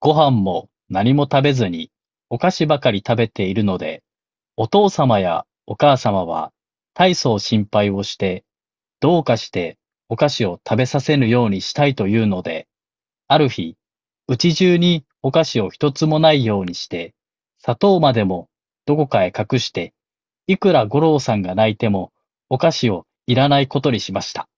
ご飯も何も食べずに、お菓子ばかり食べているので、お父様やお母様は、大層心配をして、どうかしてお菓子を食べさせぬようにしたいというので、ある日、うち中にお菓子を一つもないようにして、砂糖までもどこかへ隠していくら五郎さんが泣いても、お菓子をいらないことにしました。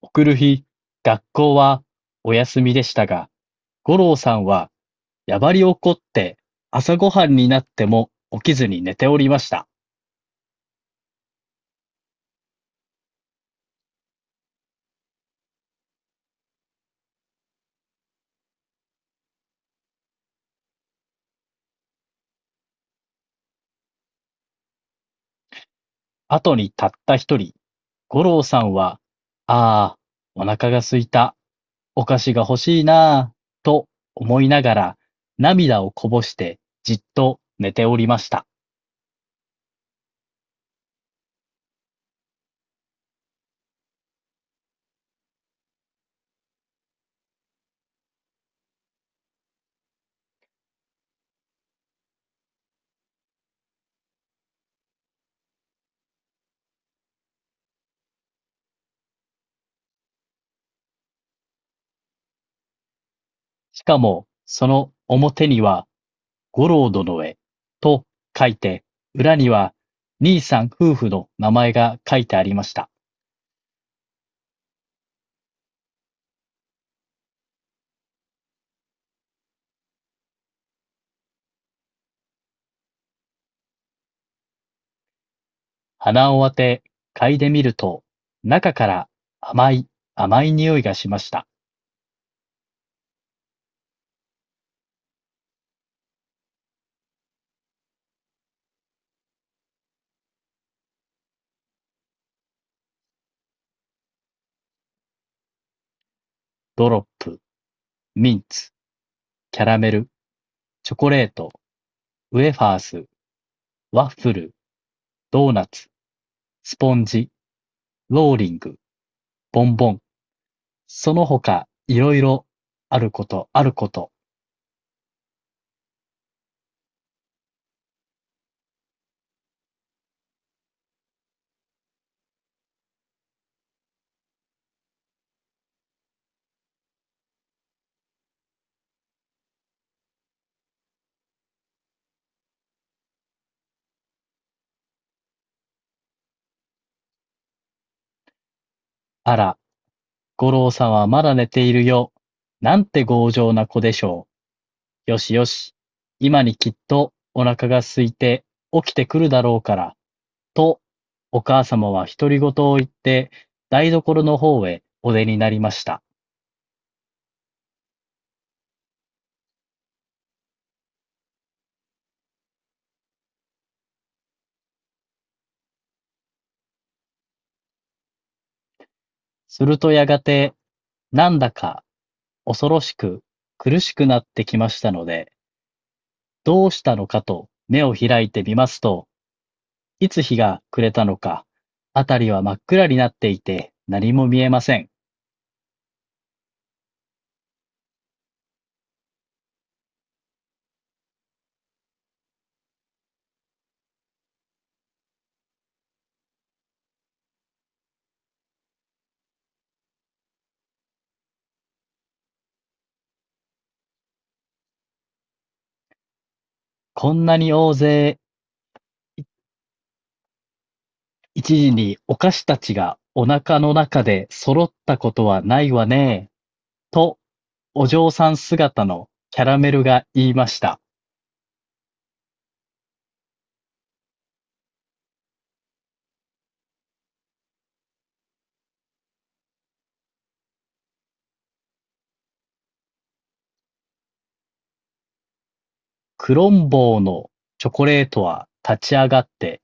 送る日、学校はお休みでしたが、五郎さんはやばり怒って、朝ごはんになっても起きずに寝ておりました。あとにたった一人、五郎さんは、ああ、お腹が空いた、お菓子が欲しいなぁと思いながら、涙をこぼして、じっと寝ておりました。しかも、その表には、五郎殿へ、と書いて、裏には、兄さん夫婦の名前が書いてありました。鼻を当て、嗅いでみると、中から甘い、甘い匂いがしました。ドロップ、ミンツ、キャラメル、チョコレート、ウェファース、ワッフル、ドーナツ、スポンジ、ローリング、ボンボン、その他いろいろ、あることあること、あら、五郎さんはまだ寝ているよ。なんて強情な子でしょう。よしよし。今にきっとお腹が空いて起きてくるだろうから、と、お母様は独り言を言って、台所の方へお出になりました。するとやがて、なんだか恐ろしく苦しくなってきましたので、どうしたのかと目を開いてみますと、いつ日が暮れたのか、あたりは真っ暗になっていて、何も見えません。こんなに大勢一時にお菓子たちがお腹の中で揃ったことはないわねえ、と、お嬢さん姿のキャラメルが言いました。クロンボーのチョコレートは立ち上がって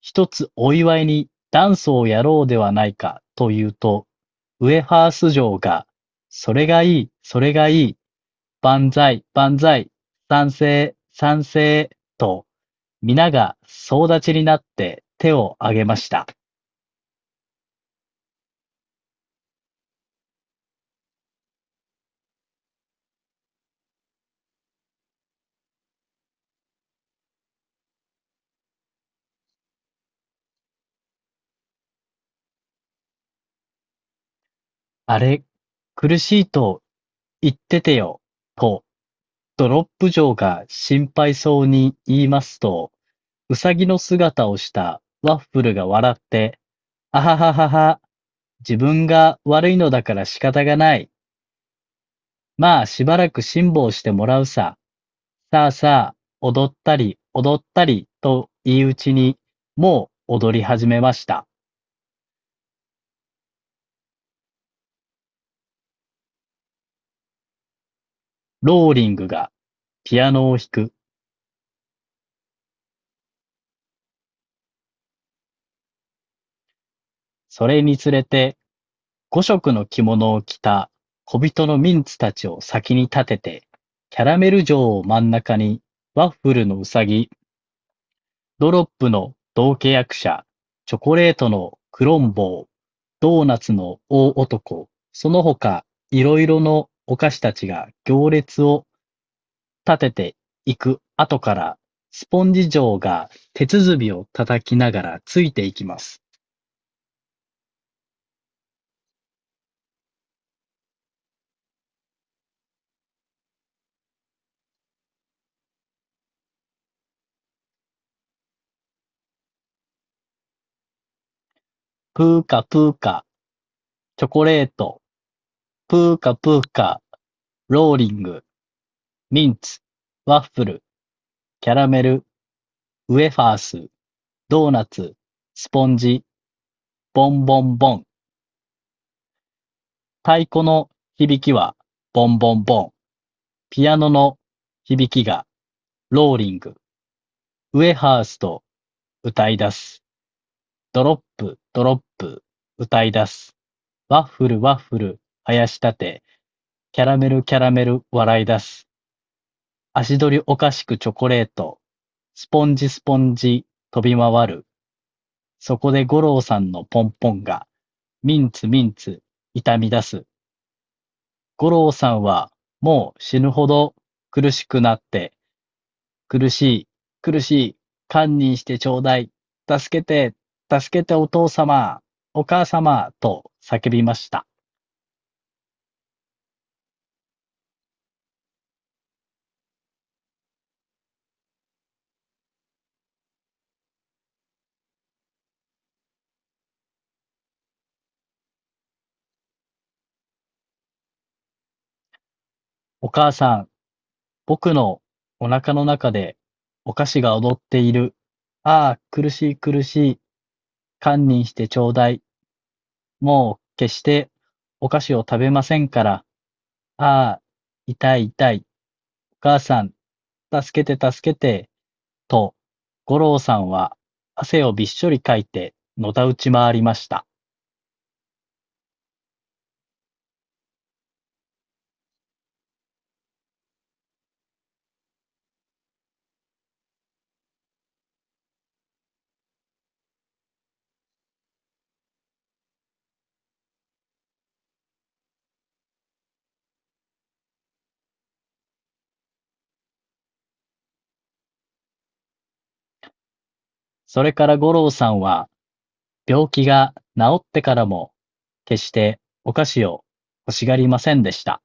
一つお祝いにダンスをやろうではないか、と言うと、ウエハース嬢が、それがいい、それがいい、万歳、万歳、賛成、賛成、と、皆が総立ちになって手を挙げました。あれ、苦しいと言っててよ、と、ドロップ嬢が心配そうに言いますと、うさぎの姿をしたワッフルが笑って、あはははは。自分が悪いのだから仕方がない。まあ、しばらく辛抱してもらうさ。さあさあ、踊ったり、踊ったり、と言いうちに、もう踊り始めました。ローリングがピアノを弾く。それにつれて、五色の着物を着た小人のミンツたちを先に立てて、キャラメル城を真ん中に、ワッフルのうさぎ、ドロップの同契役者、チョコレートのクロンボー、ドーナツの大男、その他いろいろのお菓子たちが行列を立てていく後から、スポンジ嬢が手鼓を叩きながらついていきます。プーカプーカ、チョコレート、プーカプーカ、ローリング、ミンツ、ワッフル、キャラメル、ウェファース、ドーナツ、スポンジ、ボンボンボン。太鼓の響きはボンボンボン、ピアノの響きがローリング、ウエハースと歌い出す。ドロップ、ドロップ、歌い出す。ワッフル、ワッフル、生やし立て。キャラメル、キャラメル、笑い出す。足取りおかしくチョコレート。スポンジ、スポンジ、飛び回る。そこで五郎さんのポンポンが、ミンツ、ミンツ、痛み出す。五郎さんは、もう死ぬほど苦しくなって、苦しい、苦しい、堪忍してちょうだい、助けて、助けてお父様、お母様、と叫びました。お母さん、僕のお腹の中でお菓子が踊っている。ああ、苦しい苦しい、堪忍してちょうだい。もう決してお菓子を食べませんから。ああ、痛い痛い、お母さん、助けて助けて、と、五郎さんは汗をびっしょりかいて、のたうち回りました。それから五郎さんは、病気が治ってからも、決してお菓子を欲しがりませんでした。